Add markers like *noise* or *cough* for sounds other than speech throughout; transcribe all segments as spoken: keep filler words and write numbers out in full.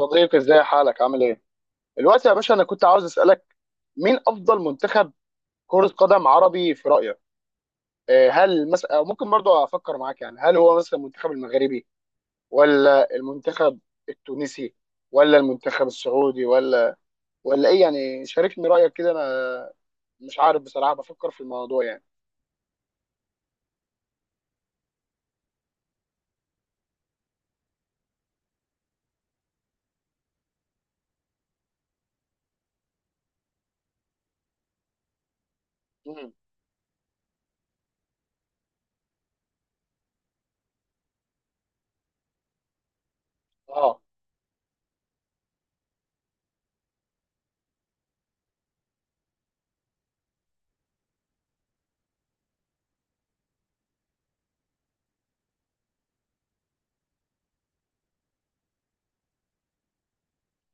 صديقي ازاي حالك عامل ايه؟ دلوقتي يا باشا انا كنت عاوز اسالك مين افضل منتخب كرة قدم عربي في رأيك؟ آه، هل مثلا أو ممكن برضو افكر معاك يعني هل هو مثلا المنتخب المغربي ولا المنتخب التونسي ولا المنتخب السعودي ولا ولا ايه يعني شاركني رأيك كده انا مش عارف بصراحة بفكر في الموضوع يعني. امم اه.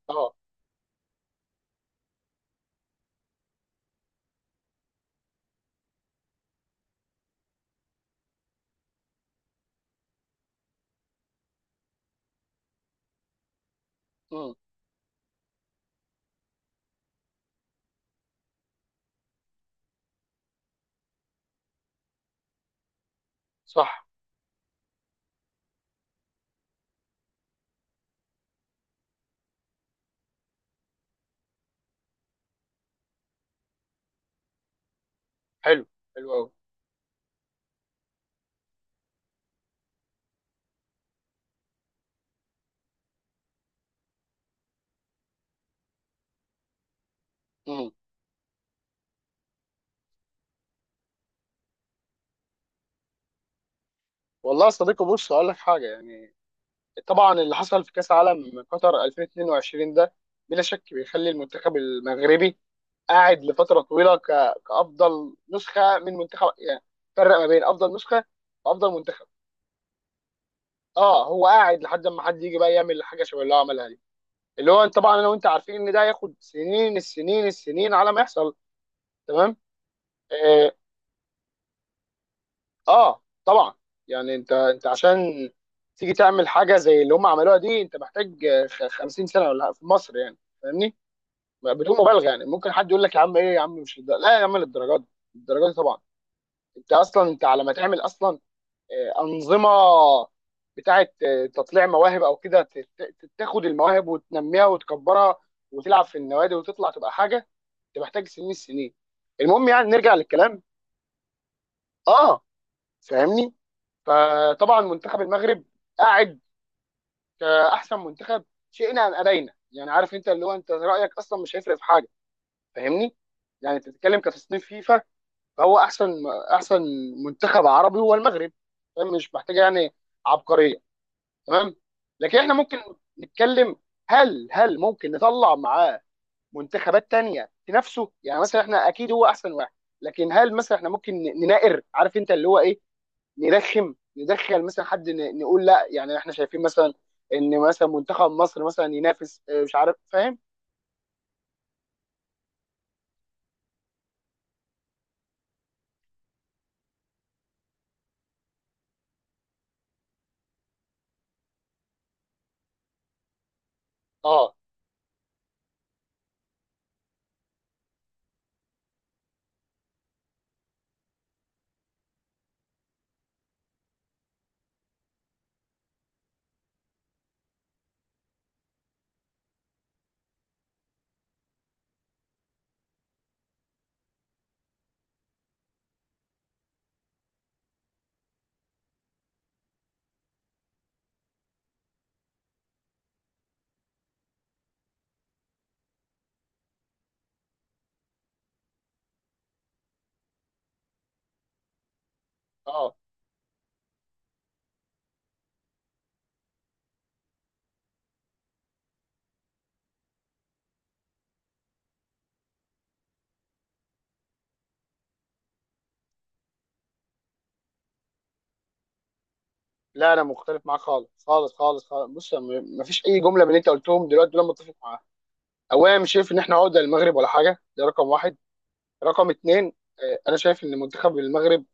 اه. امم صح. حلو. حلو قوي. امم والله يا صديقي، بص هقول لك حاجة يعني. طبعا اللي حصل في كاس عالم قطر الفين واتنين وعشرين ده بلا شك بيخلي المنتخب المغربي قاعد لفتره طويله ك- كافضل نسخه من منتخب يعني. فرق ما بين افضل نسخه وافضل منتخب. اه، هو قاعد لحد ما حد يجي بقى يعمل حاجه شبه اللي هو عملها دي، اللي هو طبعا انا وانت عارفين ان ده هياخد سنين السنين السنين على ما يحصل. تمام. اه, آه طبعا. يعني انت انت عشان تيجي تعمل حاجه زي اللي هم عملوها دي، انت محتاج آه، خ- خمسين سنه ولا في مصر يعني. فاهمني، بدون مبالغه. يعني ممكن حد يقول لك يا عم ايه يا عم مش للدرجة. لا يا عم للدرجات دي. الدرجات دي طبعا. انت اصلا انت على ما تعمل اصلا آه، انظمه بتاعه آه، تطليع مواهب او كده، ت- ت- تاخد المواهب وتنميها وتكبرها وتلعب في النوادي وتطلع تبقى حاجه. انت محتاج سنين السنين. المهم يعني نرجع للكلام. اه، فاهمني. فطبعا منتخب المغرب قاعد كاحسن منتخب شئنا ام ابينا. يعني عارف انت اللي هو انت رايك اصلا مش هيفرق في حاجه. فاهمني، يعني انت بتتكلم كتصنيف فيفا، فهو احسن، احسن منتخب عربي هو المغرب. فاهم؟ مش محتاجه يعني عبقريه. تمام. لكن احنا ممكن نتكلم، هل هل ممكن نطلع معاه منتخبات تانية تنافسه. يعني مثلا احنا اكيد هو احسن واحد، لكن هل مثلا احنا ممكن نناقر؟ عارف انت اللي هو ايه، نرخم، ندخل مثلا حد، ن- نقول لا، يعني احنا شايفين مثلا ان مثلا منتخب مصر مثلا ينافس. آه، مش عارف، فاهم. اه. اه. لا، انا مختلف معاك خالص خالص خالص خالص. بص، ما فيش اي جمله من اللي انت قلتهم دلوقتي دول أنا متفق معاها. اولا مش شايف ان احنا عقده للمغرب ولا حاجه، ده رقم واحد. رقم اتنين، آه، انا شايف ان منتخب المغرب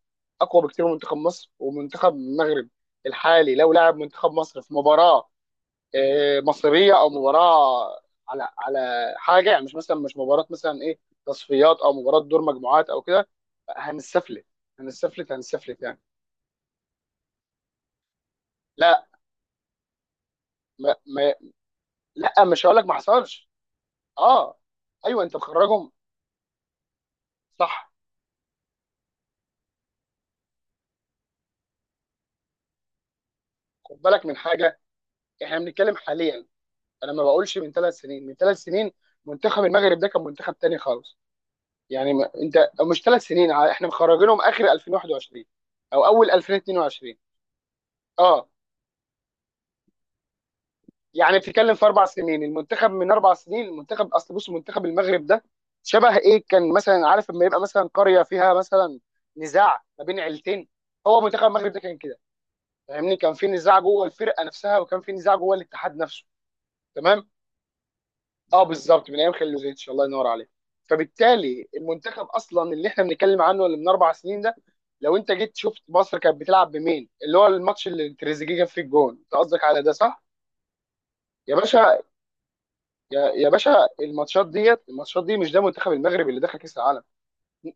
اقوى بكتير من منتخب مصر. ومنتخب المغرب الحالي لو لعب منتخب مصر في مباراه آه، مصريه او مباراه على على حاجه يعني، مش مثلا مش مباراه مثلا ايه تصفيات او مباراه دور مجموعات او كده، هنستفلت. هنستفلت هنستفلت يعني. لا. ما ما لا مش هقول لك ما حصلش. اه. ايوه انت مخرجهم. صح. خد بالك من حاجه، احنا بنتكلم حاليا. انا ما بقولش من ثلاث سنين. من ثلاث سنين منتخب المغرب ده كان منتخب تاني خالص. يعني ما انت مش ثلاث سنين، ع- احنا مخرجينهم اخر الفين وواحد وعشرين او اول الفين واتنين وعشرين. اه، يعني بتتكلم في اربع سنين، المنتخب من اربع سنين. المنتخب اصل، بص منتخب المغرب ده شبه ايه؟ كان مثلا، عارف لما يبقى مثلا قريه فيها مثلا نزاع ما بين عيلتين، هو منتخب المغرب ده كان كده. فاهمني، كان في نزاع جوه الفرقه نفسها، وكان في نزاع جوه الاتحاد نفسه. تمام. اه بالظبط، من ايام خليلوزيتش، الله ينور عليك. فبالتالي المنتخب اصلا اللي احنا بنتكلم عنه اللي من اربع سنين ده، لو انت جيت شفت مصر كانت بتلعب بمين، اللي هو الماتش اللي تريزيجيه جاب فيه الجون، انت قصدك على ده، صح؟ يا باشا، يا, يا باشا الماتشات ديت الماتشات دي مش ده منتخب المغرب اللي دخل كاس العالم.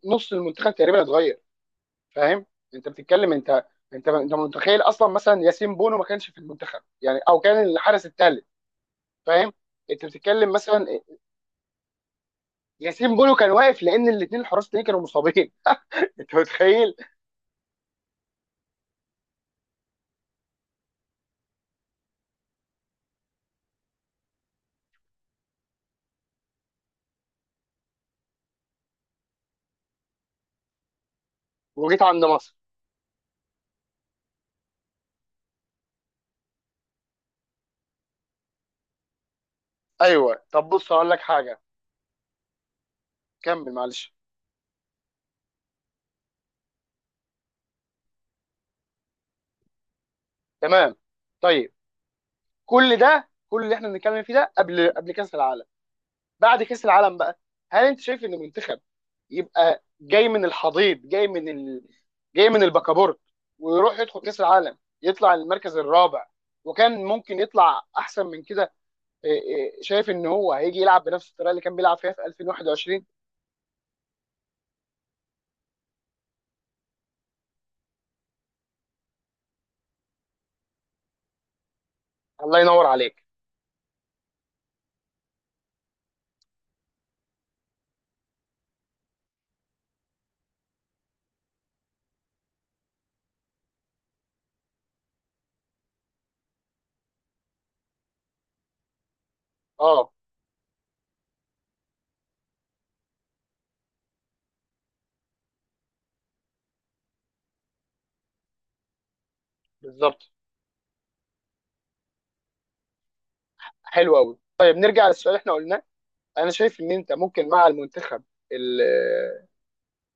نص المنتخب تقريبا اتغير. فاهم، انت بتتكلم. انت انت انت متخيل اصلا مثلا ياسين بونو ما كانش في المنتخب يعني، او كان الحارس الثالث. فاهم، انت بتتكلم مثلا ياسين بونو كان واقف لان الاثنين الحراس التانيين كانوا مصابين. *laughs* انت متخيل؟ وجيت عند مصر. ايوه. طب بص هقول لك حاجه، كمل معلش. تمام. طيب، كل ده كل اللي احنا بنتكلم فيه ده قبل قبل كاس العالم. بعد كاس العالم بقى، هل انت شايف ان المنتخب يبقى جاي من الحضيض، جاي من ال... جاي من البكابورت، ويروح يدخل كاس العالم يطلع المركز الرابع، وكان ممكن يطلع احسن من كده، إيه، إيه، شايف ان هو هيجي يلعب بنفس الطريقه اللي كان بيلعب فيها في الفين وواحد وعشرين؟ الله ينور عليك. اه بالظبط. حلو قوي. طيب نرجع للسؤال اللي احنا قلناه. انا شايف ان انت ممكن مع المنتخب ال- آه،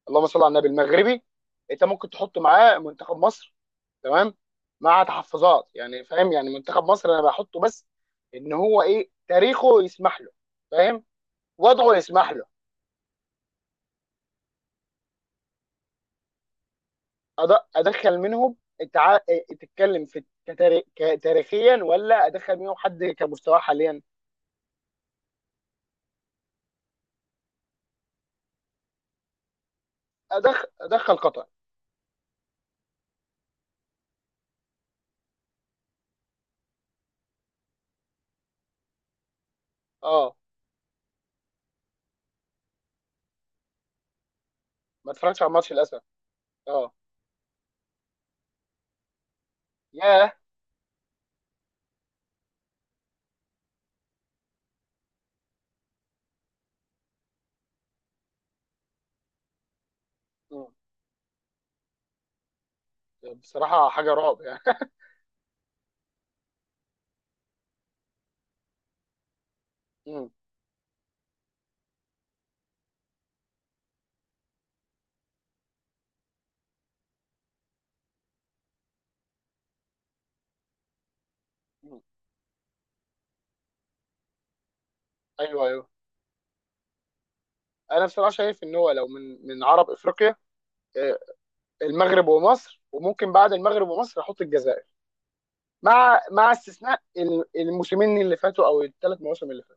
اللهم صل على النبي، المغربي، انت ممكن تحط معاه منتخب مصر. تمام، مع تحفظات يعني. فاهم يعني منتخب مصر انا بحطه بس ان هو ايه، تاريخه يسمح له، فاهم، وضعه يسمح له. أد- ادخل منهم التع... تتكلم في كتاري... ك- تاريخيا، ولا ادخل منهم حد كمستواه حاليا؟ أدخ... ادخل قطر. اه. ما اتفرجش على الماتش للاسف. اه. ياه. مم. بصراحه حاجه رعب يعني. *laughs* مم. مم. ايوه ايوه. انا بصراحه شايف ان هو لو من من عرب افريقيا، آه، المغرب ومصر. وممكن بعد المغرب ومصر احط الجزائر، مع مع استثناء ال- الموسمين اللي فاتوا او الثلاث مواسم اللي فاتوا،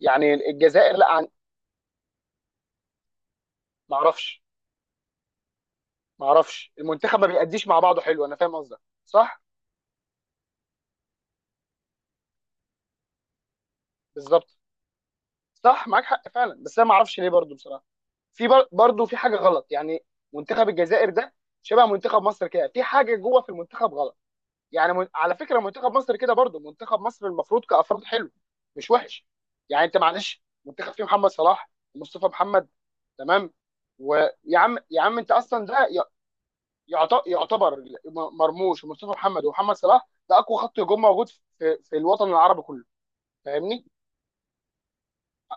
يعني الجزائر لا عن... ما اعرفش، ما اعرفش. المنتخب ما بيأديش مع بعضه حلو. انا فاهم قصدك. صح. بالظبط. صح، معاك حق فعلا، بس انا ما اعرفش ليه برضو بصراحه. في بر- برضو في حاجه غلط يعني. منتخب الجزائر ده شبه منتخب مصر كده، في حاجه جوه في المنتخب غلط. يعني من... على فكره منتخب مصر كده برضو، منتخب مصر المفروض كافراد حلو، مش وحش. يعني انت معلش منتخب فيه محمد صلاح ومصطفى محمد، تمام، ويا عم يا عم انت اصلا ده يعت- يعتبر. م- مرموش ومصطفى محمد ومحمد صلاح ده اقوى خط هجوم موجود في في الوطن العربي كله. فاهمني،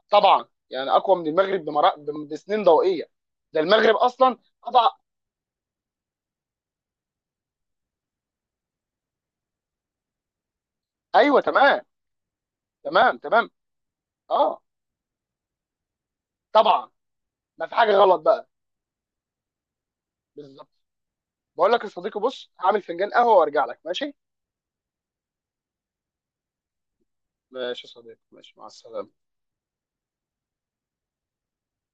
طبعا يعني اقوى من المغرب بمرا- بم- بسنين ضوئيه. ده المغرب اصلا. طبعا. ايوه تمام. تمام. تمام. اه طبعا. ما في حاجه غلط بقى. بالظبط. بقول لك يا صديقي، بص هعمل فنجان قهوه وارجع لك، ماشي؟ ماشي يا صديقي، ماشي، مع السلامه.